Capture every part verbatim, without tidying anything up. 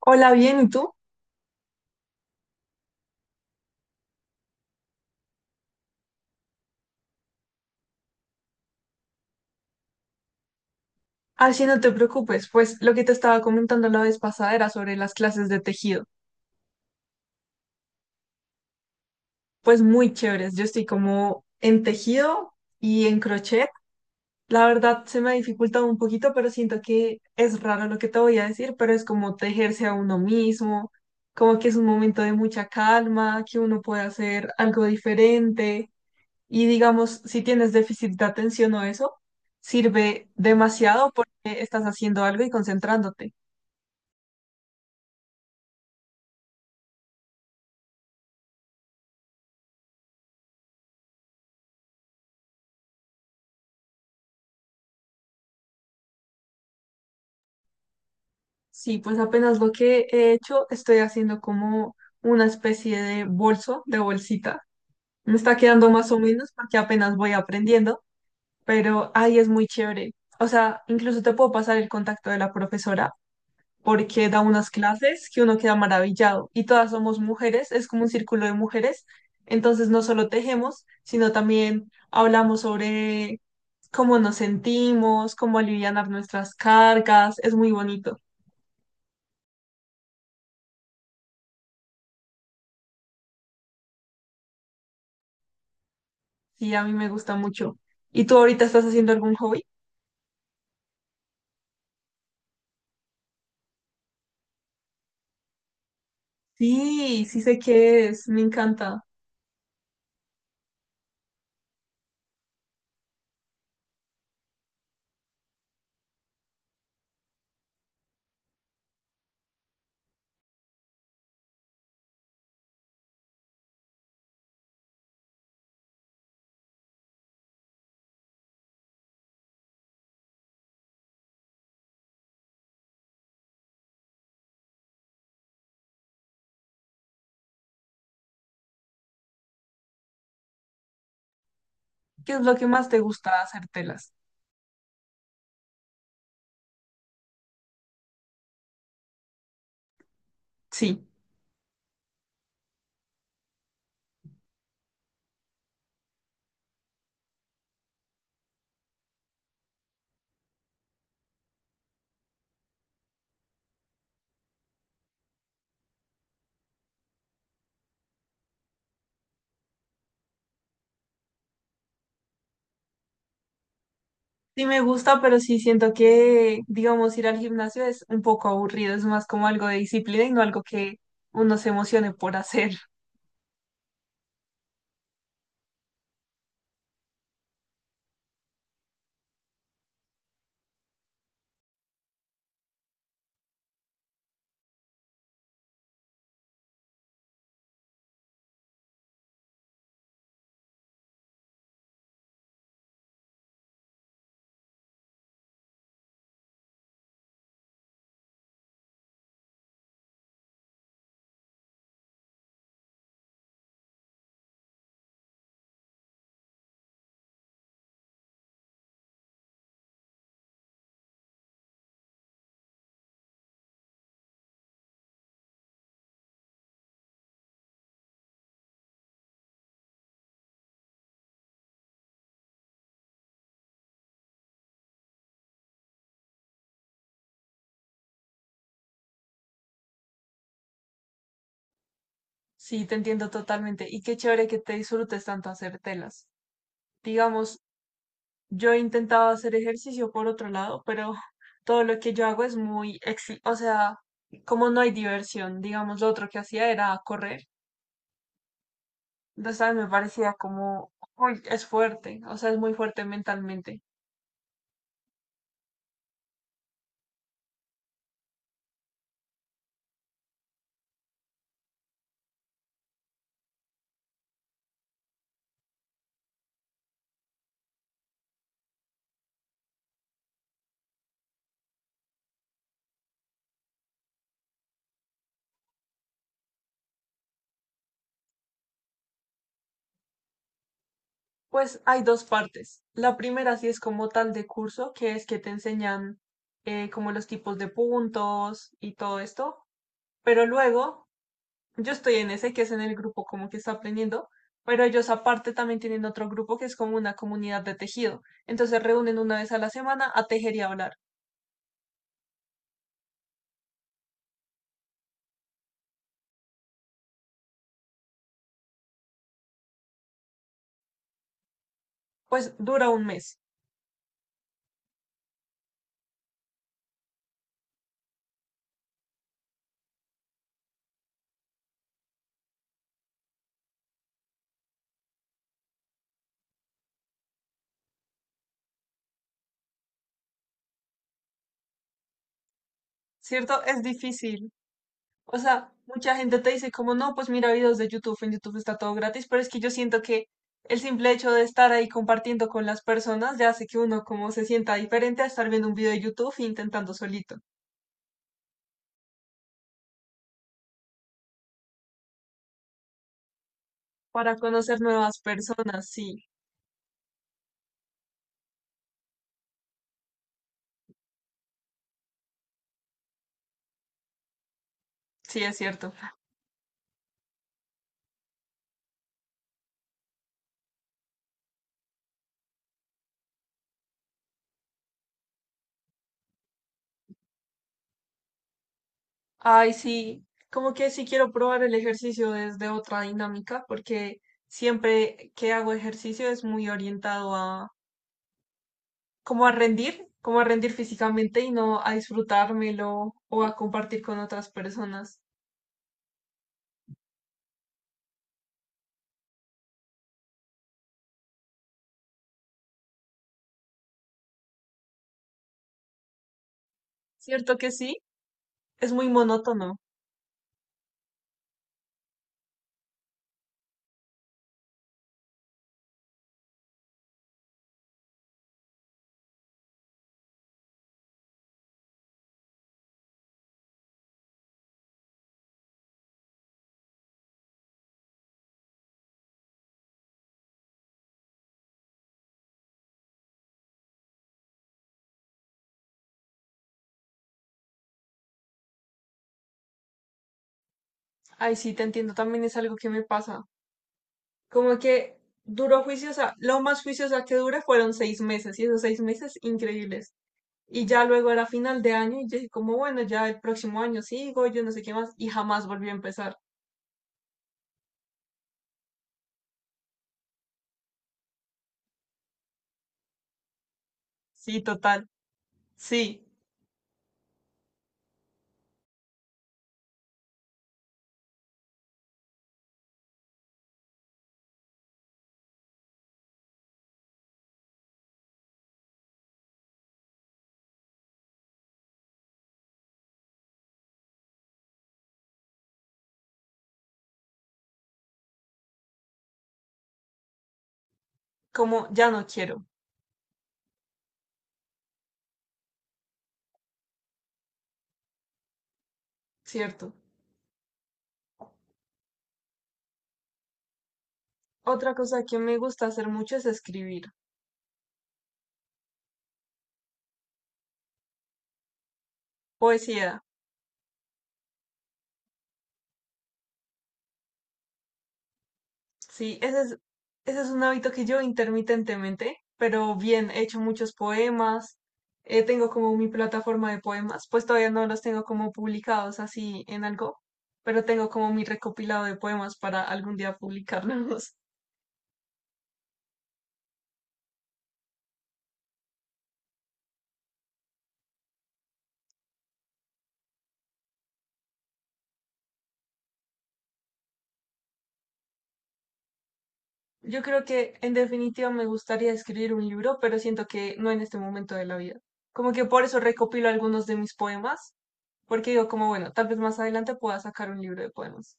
Hola, bien, ¿y tú? Así no te preocupes, pues lo que te estaba comentando la vez pasada era sobre las clases de tejido. Pues muy chéveres, yo estoy como en tejido y en crochet. La verdad se me ha dificultado un poquito, pero siento que es raro lo que te voy a decir, pero es como tejerse a uno mismo, como que es un momento de mucha calma, que uno puede hacer algo diferente y digamos, si tienes déficit de atención o eso, sirve demasiado porque estás haciendo algo y concentrándote. Sí, pues apenas lo que he hecho, estoy haciendo como una especie de bolso, de bolsita. Me está quedando más o menos porque apenas voy aprendiendo, pero ahí es muy chévere. O sea, incluso te puedo pasar el contacto de la profesora porque da unas clases que uno queda maravillado y todas somos mujeres, es como un círculo de mujeres. Entonces no solo tejemos, sino también hablamos sobre cómo nos sentimos, cómo alivianar nuestras cargas, es muy bonito. Sí, a mí me gusta mucho. ¿Y tú ahorita estás haciendo algún hobby? Sí, sí sé qué es, me encanta. ¿Qué es lo que más te gusta hacer telas? Sí, sí me gusta, pero sí siento que, digamos, ir al gimnasio es un poco aburrido, es más como algo de disciplina y no algo que uno se emocione por hacer. Sí, te entiendo totalmente. Y qué chévere que te disfrutes tanto hacer telas. Digamos, yo he intentado hacer ejercicio por otro lado, pero todo lo que yo hago es muy, exi- o sea, como no hay diversión, digamos, lo otro que hacía era correr. Entonces a mí me parecía como, uy, es fuerte, o sea, es muy fuerte mentalmente. Pues hay dos partes. La primera sí es como tal de curso, que es que te enseñan eh, como los tipos de puntos y todo esto, pero luego yo estoy en ese que es en el grupo como que está aprendiendo, pero ellos aparte también tienen otro grupo que es como una comunidad de tejido. Entonces reúnen una vez a la semana a tejer y a hablar. Pues dura un mes, ¿cierto? Es difícil. O sea, mucha gente te dice como, no, pues mira videos de YouTube, en YouTube está todo gratis, pero es que yo siento que el simple hecho de estar ahí compartiendo con las personas ya hace que uno como se sienta diferente a estar viendo un video de YouTube e intentando solito. Para conocer nuevas personas, sí, sí es cierto. Ay, sí, como que sí quiero probar el ejercicio desde otra dinámica, porque siempre que hago ejercicio es muy orientado a como a rendir, como a rendir físicamente y no a disfrutármelo o a compartir con otras personas. ¿Cierto que sí? Es muy monótono. Ay, sí, te entiendo, también es algo que me pasa. Como que duró juiciosa, lo más juiciosa que dura fueron seis meses y esos seis meses increíbles. Y ya luego era final de año y yo dije como, bueno, ya el próximo año sigo, yo no sé qué más, y jamás volví a empezar. Sí, total. Sí, como ya no quiero, ¿cierto? Otra cosa que me gusta hacer mucho es escribir poesía. Sí, ese es, ese es un hábito que yo intermitentemente, pero bien, he hecho muchos poemas, eh, tengo como mi plataforma de poemas, pues todavía no los tengo como publicados así en algo, pero tengo como mi recopilado de poemas para algún día publicarlos. Yo creo que en definitiva me gustaría escribir un libro, pero siento que no en este momento de la vida. Como que por eso recopilo algunos de mis poemas, porque digo como, bueno, tal vez más adelante pueda sacar un libro de poemas.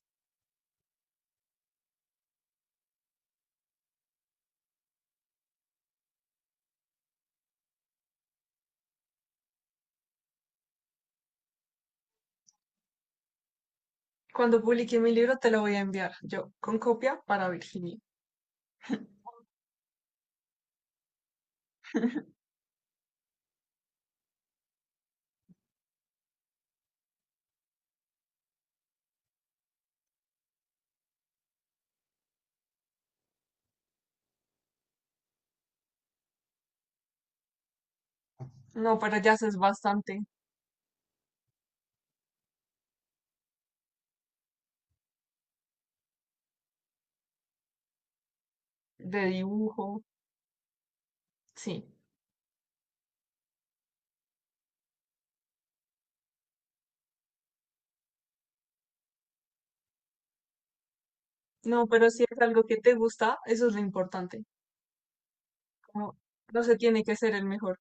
Cuando publique mi libro te lo voy a enviar yo, con copia para Virginia. No, pero ya haces bastante de dibujo, sí. No, pero si es algo que te gusta, eso es lo importante. Como no se tiene que ser el mejor.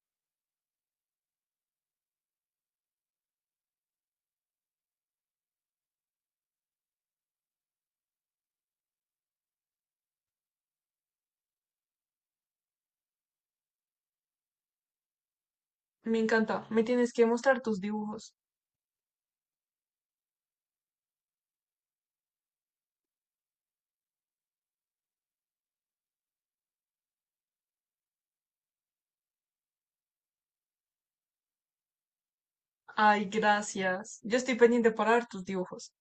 Me encanta, me tienes que mostrar tus dibujos. Ay, gracias. Yo estoy pendiente para ver tus dibujos.